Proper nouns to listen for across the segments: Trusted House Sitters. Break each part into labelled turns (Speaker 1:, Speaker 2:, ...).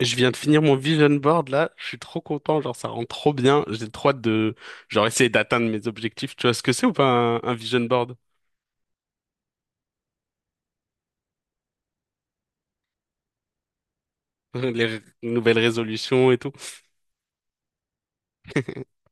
Speaker 1: Je viens de finir mon vision board là, je suis trop content, genre ça rend trop bien, j'ai trop hâte de genre essayer d'atteindre mes objectifs. Tu vois ce que c'est ou pas un vision board? Nouvelles résolutions et tout.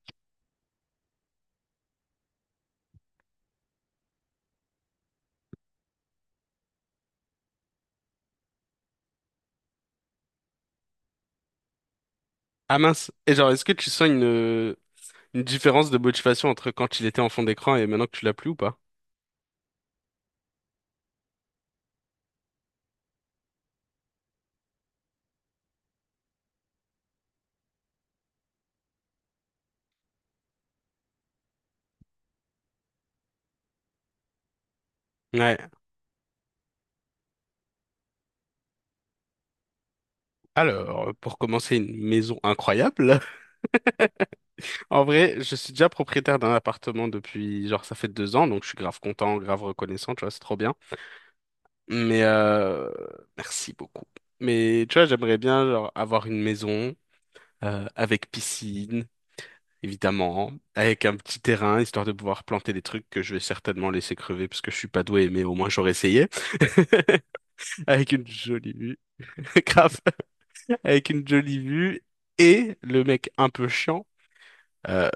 Speaker 1: Ah mince. Et genre est-ce que tu sens une différence de motivation entre quand il était en fond d'écran et maintenant que tu l'as plus ou pas? Ouais. Alors, pour commencer, une maison incroyable. En vrai, je suis déjà propriétaire d'un appartement depuis, genre, ça fait 2 ans, donc je suis grave content, grave reconnaissant, tu vois, c'est trop bien. Mais merci beaucoup. Mais tu vois, j'aimerais bien genre, avoir une maison avec piscine, évidemment, avec un petit terrain, histoire de pouvoir planter des trucs que je vais certainement laisser crever parce que je suis pas doué, mais au moins j'aurais essayé. Avec une jolie vue, grave, avec une jolie vue et le mec un peu chiant, euh,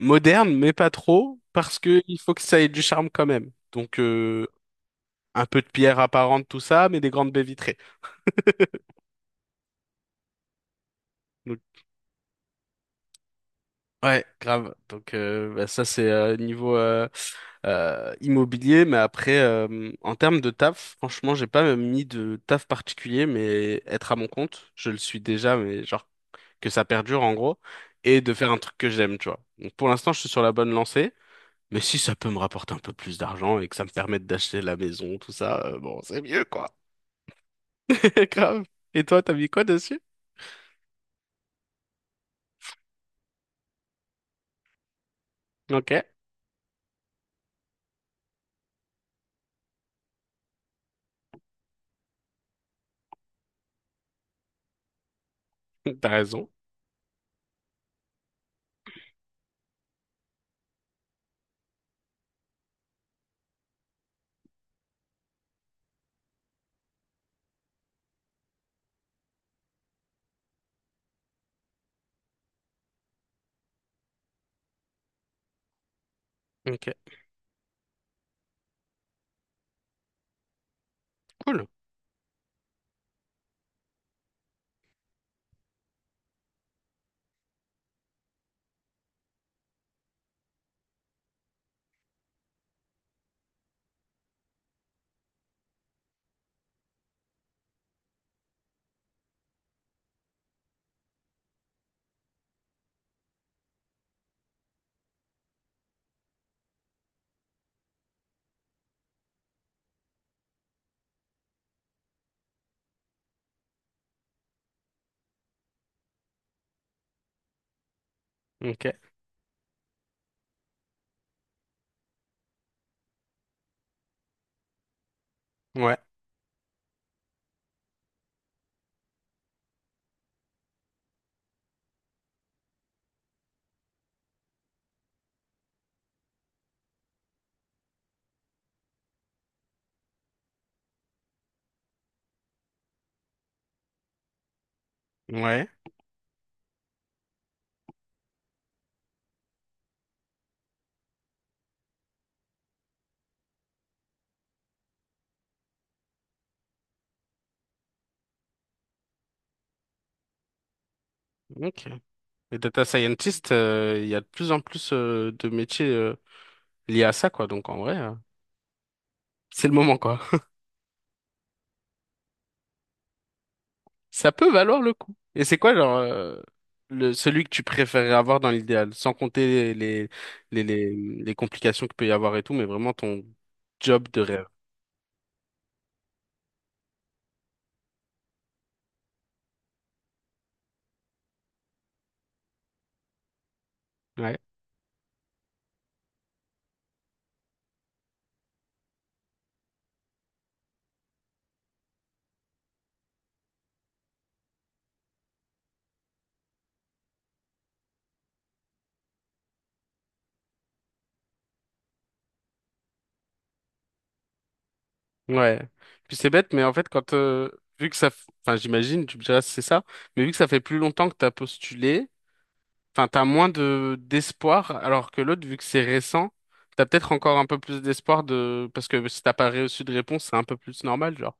Speaker 1: moderne mais pas trop, parce que il faut que ça ait du charme quand même. Donc un peu de pierre apparente, tout ça, mais des grandes baies vitrées. Ouais, grave. Donc ça c'est niveau immobilier, mais après en termes de taf, franchement j'ai pas mis de taf particulier, mais être à mon compte, je le suis déjà, mais genre que ça perdure en gros, et de faire un truc que j'aime, tu vois. Donc pour l'instant je suis sur la bonne lancée, mais si ça peut me rapporter un peu plus d'argent et que ça me permette d'acheter la maison, tout ça, bon c'est mieux quoi. Grave. Et toi t'as mis quoi dessus? Ok, t'as raison. Ok, cool. Ok, ouais, ouais, ok. Les data scientists, il y a de plus en plus de métiers liés à ça, quoi. Donc en vrai, c'est le moment, quoi. Ça peut valoir le coup. Et c'est quoi, genre, le, celui que tu préférerais avoir dans l'idéal, sans compter les complications qu'il peut y avoir et tout, mais vraiment ton job de rêve. Ouais. Ouais. Puis c'est bête, mais en fait, quand, vu que ça, enfin, j'imagine, tu me diras si c'est ça, mais vu que ça fait plus longtemps que t'as postulé, enfin, t'as moins de d'espoir, alors que l'autre, vu que c'est récent, t'as peut-être encore un peu plus d'espoir de... Parce que si t'as pas reçu de réponse, c'est un peu plus normal, genre.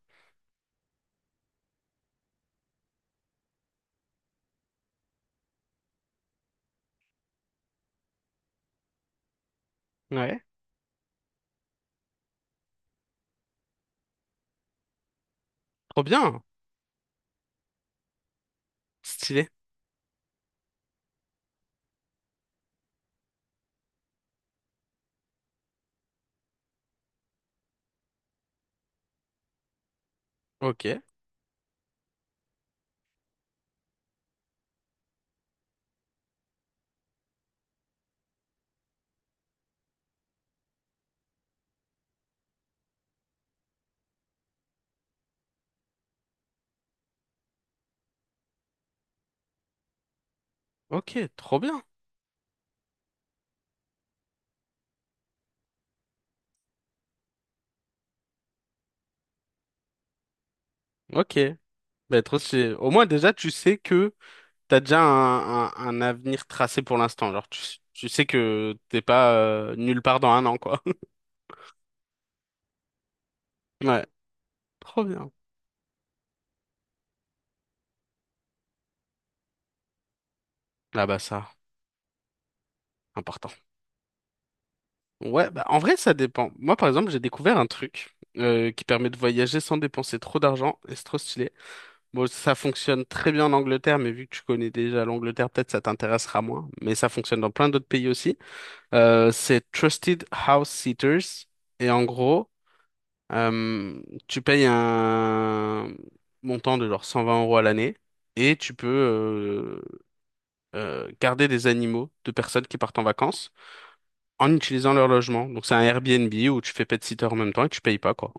Speaker 1: Ouais. Trop bien. Stylé. Ok. Ok, trop bien. Ok. Bah, trop stylé. Au moins, déjà, tu sais que t'as déjà un avenir tracé pour l'instant. Genre, tu sais que t'es pas nulle part dans 1 an, quoi. Ouais. Trop bien. Ah bah ça, important. Ouais, bah, en vrai, ça dépend. Moi, par exemple, j'ai découvert un truc qui permet de voyager sans dépenser trop d'argent et c'est trop stylé. Bon, ça fonctionne très bien en Angleterre, mais vu que tu connais déjà l'Angleterre, peut-être ça t'intéressera moins. Mais ça fonctionne dans plein d'autres pays aussi. C'est Trusted House Sitters. Et en gros, euh, tu payes un montant de genre 120 euros à l'année et tu peux garder des animaux de personnes qui partent en vacances en utilisant leur logement. Donc c'est un Airbnb où tu fais pet-sitter en même temps et tu payes pas, quoi.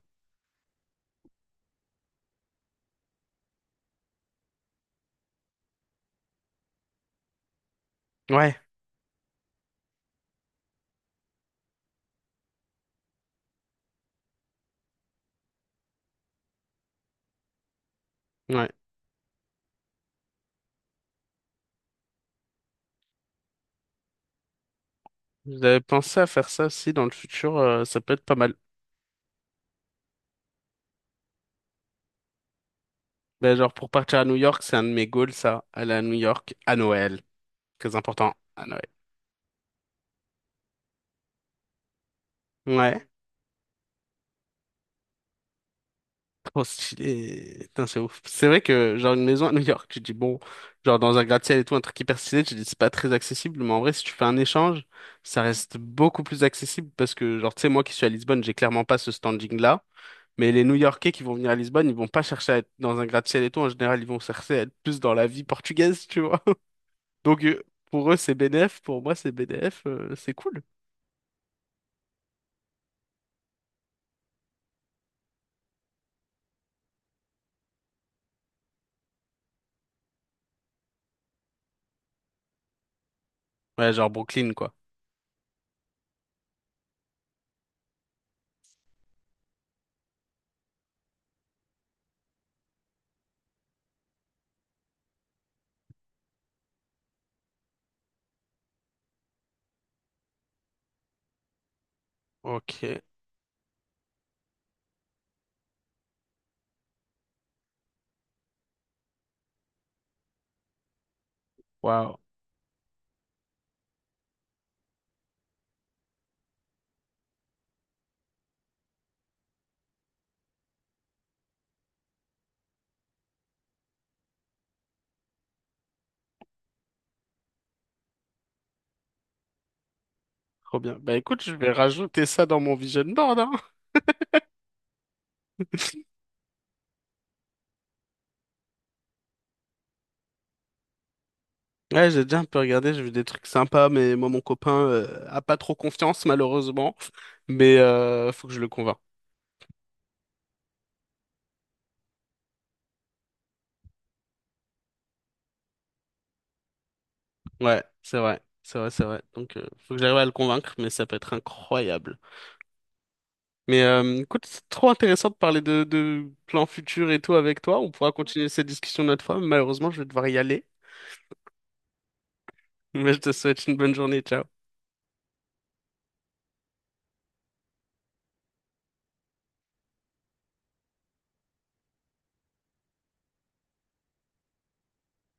Speaker 1: Ouais, ouais. J'avais pensé à faire ça aussi dans le futur, ça peut être pas mal. Ben, genre pour partir à New York, c'est un de mes goals, ça. Aller à New York à Noël. Très important, à Noël. Ouais. Trop stylé. Putain, c'est ouf. C'est vrai que, genre, une maison à New York, tu te dis, bon, genre, dans un gratte-ciel et tout, un truc hyper stylé, tu te dis, c'est pas très accessible, mais en vrai, si tu fais un échange, ça reste beaucoup plus accessible parce que, genre, tu sais, moi qui suis à Lisbonne, j'ai clairement pas ce standing-là, mais les New-Yorkais qui vont venir à Lisbonne, ils vont pas chercher à être dans un gratte-ciel et tout, en général, ils vont chercher à être plus dans la vie portugaise, tu vois. Donc, pour eux, c'est BDF, pour moi, c'est BDF, c'est cool. Ouais, genre Brooklyn, quoi. Ok. Waouh. Trop bien. Bah écoute, je vais rajouter ça dans mon vision board, hein. Ouais, j'ai déjà un peu regardé, j'ai vu des trucs sympas, mais moi, mon copain, a pas trop confiance, malheureusement. Mais faut que je le convainc. Ouais, c'est vrai, c'est vrai, c'est vrai. Donc, faut que j'arrive à le convaincre, mais ça peut être incroyable. Mais écoute, c'est trop intéressant de parler de plans futurs et tout avec toi. On pourra continuer cette discussion une autre fois, mais malheureusement, je vais devoir y aller. Mais je te souhaite une bonne journée. Ciao.